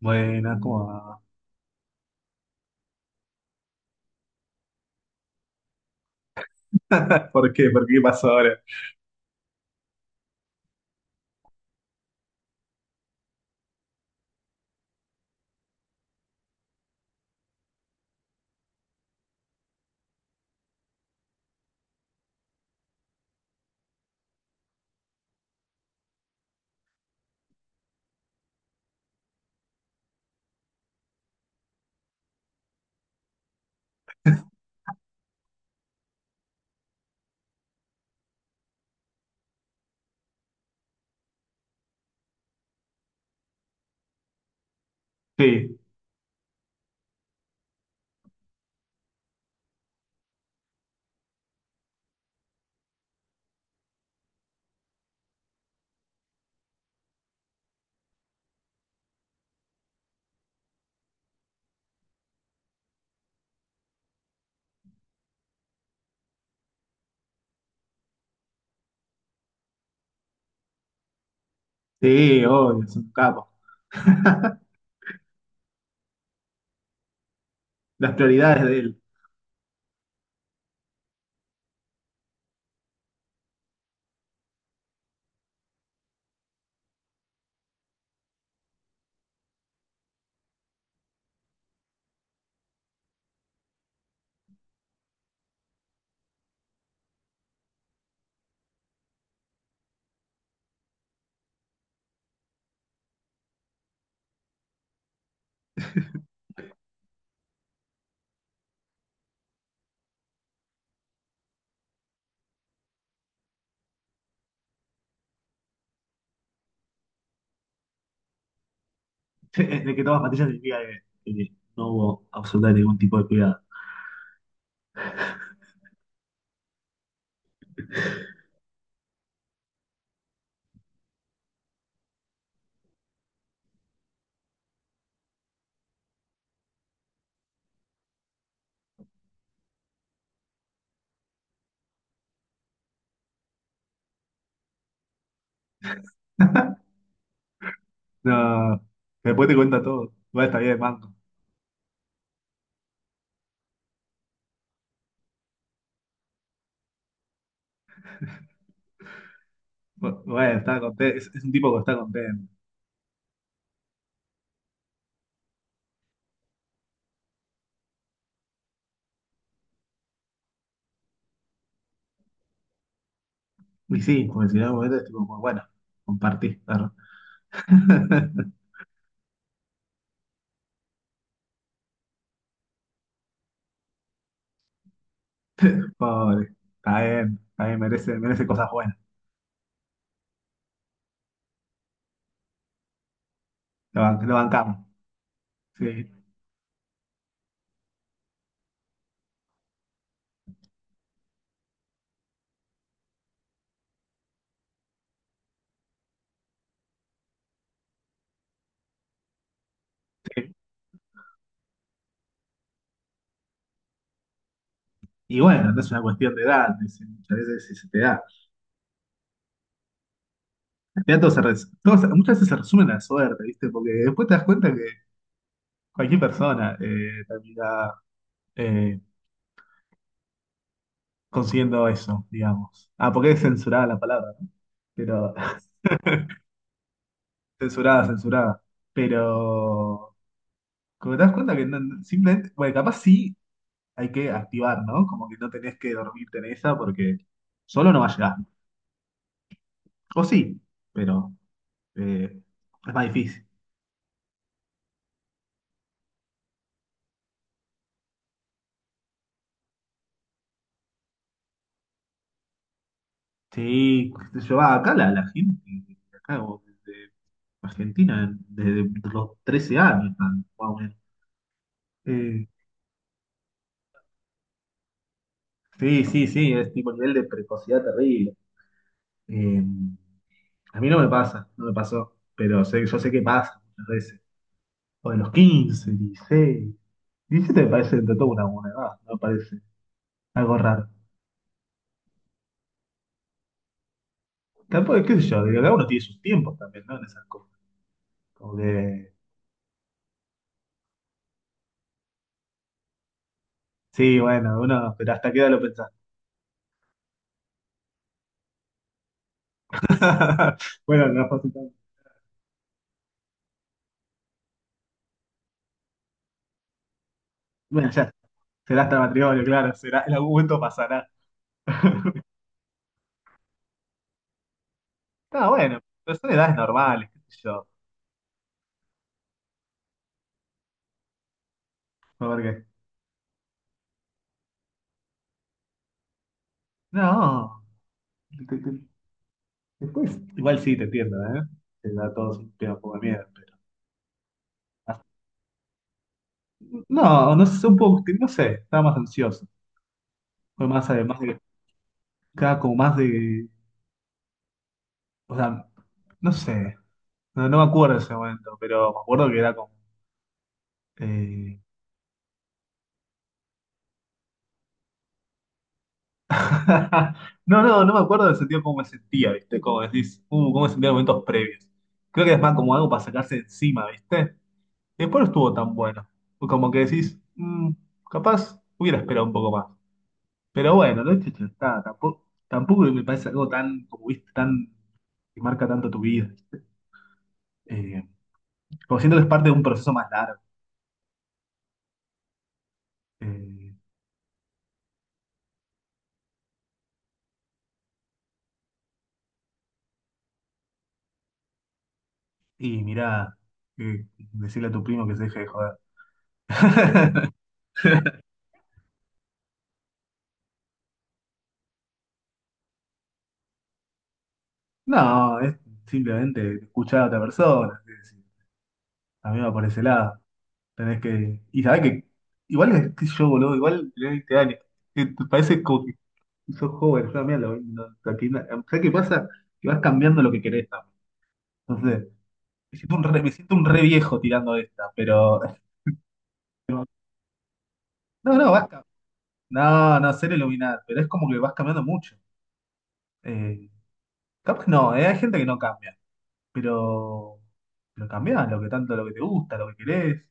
Buena, ¿cómo va? ¿Por qué? ¿Por qué pasó ahora? Sí, sí, obvio, es un capo. Las prioridades de él. De que tomas pastillas significa que no hubo absolutamente ningún tipo de cuidado. No, después te cuenta todo. Bueno, está bien, manco. Bueno, está contento. Es un tipo que está contento. Y sí, porque si no, en algún momento es tipo, como, bueno, compartí, perro. Pobre, está bien, merece, merece cosas buenas. Lo, lo bancamos. Sí. Sí. Y bueno, no es una cuestión de edad, muchas veces se te da. Ya todo todo muchas veces se resume en la suerte, ¿viste? Porque después te das cuenta que cualquier persona termina eh, consiguiendo eso, digamos. Ah, porque es censurada la palabra, ¿no? Pero, censurada, censurada. Pero, como te das cuenta que no, simplemente, bueno, capaz sí hay que activar, ¿no? Como que no tenés que dormirte en esa porque solo no va a llegar. O sí, pero eh, es más difícil. Sí, qué sé yo, ah, acá la, la gente, acá o desde Argentina, desde los 13 años están, más o menos. Eh, sí, sí, sí, es tipo nivel de precocidad terrible. Eh, a mí no me pasa, no me pasó, pero sé, yo sé que pasa muchas veces. O de los 15 16 17 me parece entre todo una buena edad, no me parece algo raro. Tampoco, qué sé yo, digo, cada uno tiene sus tiempos también, ¿no? En esas cosas. Como que, sí, bueno, uno, pero hasta qué edad lo pensás. Bueno, no fue así tanto. Bueno, ya está. Será hasta el matrimonio, claro, será, en algún momento pasará. Está bueno, pero son edades normales, qué sé yo. A ver qué. No, te- te- después, igual sí, te entiendo, ¿eh? Te da todo un tema un poco de miedo, pero. No, no sé, un poco, no sé, estaba más ansioso. Fue más, además de, cada como más de, o sea, no sé, no, no me acuerdo de ese momento, pero me acuerdo que era como, eh, No, no, no me acuerdo del sentido cómo me sentía, ¿viste? Como decís, cómo me sentía en momentos previos. Creo que es más como algo para sacarse de encima, ¿viste? Después no estuvo tan bueno. Como que decís, "Mm, capaz hubiera esperado un poco más. Pero bueno, no he hecho está, tampoco, tampoco me parece algo tan, como viste, tan, que marca tanto tu vida, ¿viste? Eh, como siento que es parte de un proceso más largo. Eh, y mirá, eh, decirle a tu primo que se deje de joder. No, es simplemente escuchar a otra persona. Es decir, a mí me va por ese lado. Tenés que. Y sabés que. Igual es que yo, boludo. Igual tenés 20 años. Que te parece como que sos joven. Yo mira mí a los 20 aquí ¿Sabés qué pasa? Que vas cambiando lo que querés también. Entonces, me siento un re viejo tirando esta. Pero. No, no, no, no, ser iluminado. Pero es como que vas cambiando mucho. Eh, capaz no, hay gente que no cambia. Pero. Pero cambiás lo que tanto, lo que te gusta, lo que querés.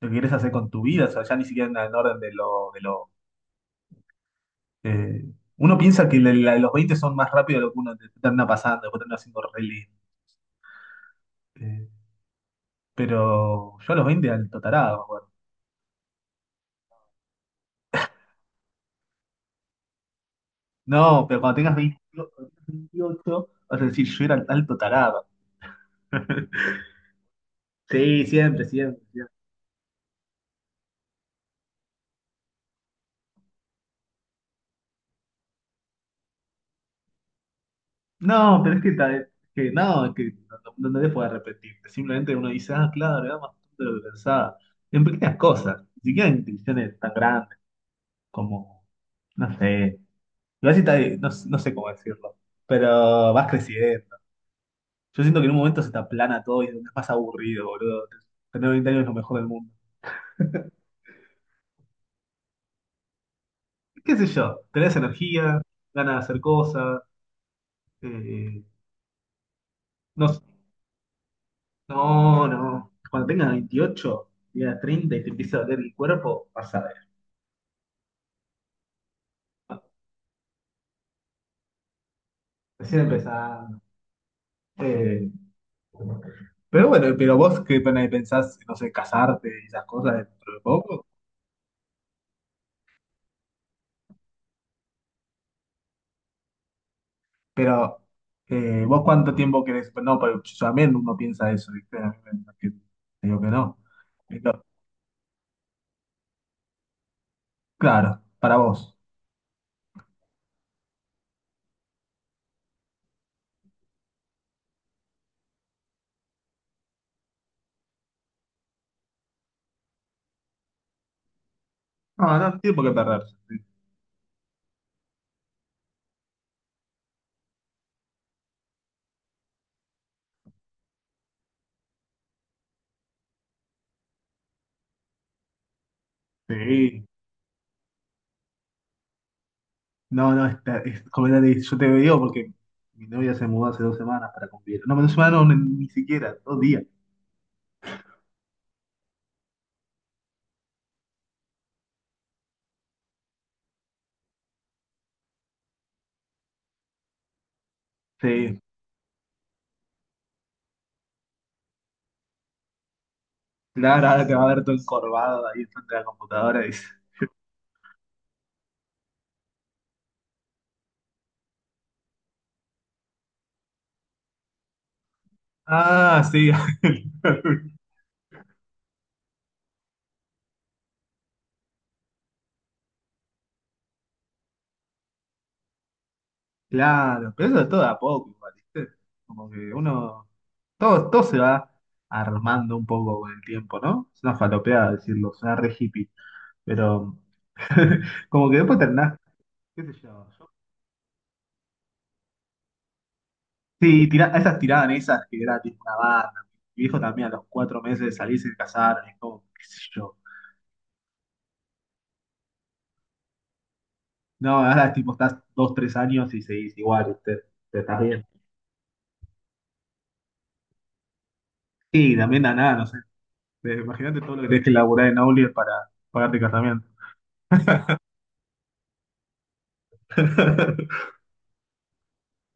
Lo que querés hacer con tu vida, o sea, ya ni siquiera en orden de lo... De lo eh, uno piensa que los 20 son más rápidos de lo que uno termina pasando, después termina siendo re lento. Eh, pero yo a los 20 alto tarado, me acuerdo. No, pero cuando tengas 28, vas a decir, yo era alto tarado. Sí, siempre, siempre, siempre. No, pero es que, que no, es que no, no te puedes arrepentirte. Simplemente uno dice, ah, claro, era más tonto de lo que pensaba. En pequeñas cosas, ni siquiera en decisiones tan grandes como, no sé. Igual si no, no sé cómo decirlo, pero vas creciendo. Yo siento que en un momento se te aplana todo y es más aburrido, boludo. Tener 20 años es lo mejor del mundo. ¿Qué sé yo? Tenés energía, ganas de hacer cosas. eh, no, sé. No, no. Cuando tengas 28, tengas 30 y te empieza a doler el cuerpo, vas a ver. Recién empezando. Eh, pero bueno, pero vos qué pena pensás, no sé, casarte y esas cosas dentro de poco. Pero, ¿vos cuánto tiempo querés? Pues no, pero yo también uno piensa eso, ¿viste? A mí te digo que no. Pero, claro, para vos. No, no no tiene por qué perderse. Sí. No, no, está, es completamente- Yo te digo porque mi novia se mudó hace 2 semanas para convivir. No, 2 semanas no, ni, ni siquiera, 2 días. Sí. Claro, ahora te va a ver todo encorvado ahí frente a la computadora y dice, ah, sí. Claro, pero eso es todo de a poco, igual, ¿viste? Como que uno. Todo, todo se va armando un poco con el tiempo, ¿no? Es una falopeada decirlo, suena re hippie, pero como que después terminás, qué sé yo. Sí, tira, esas tiraban esas que era tipo una banda. Mi viejo también a los 4 meses de salir se casaron, es como, qué sé yo. No, ahora tipo estás 2, 3 años y seguís igual, ¿viste? Te estás bien. Sí, también da nada, no sé. Imagínate todo lo que tenés que laburar en Aulier para pagarte casamiento.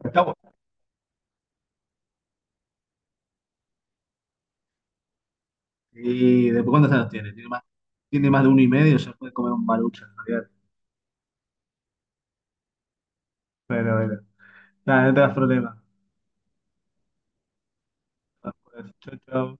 Está, y después, ¿cuántos años tiene? Tiene más de uno y medio, ya puede comer un barucho en realidad. Pero bueno, nada, no te das problema. Chao, chao.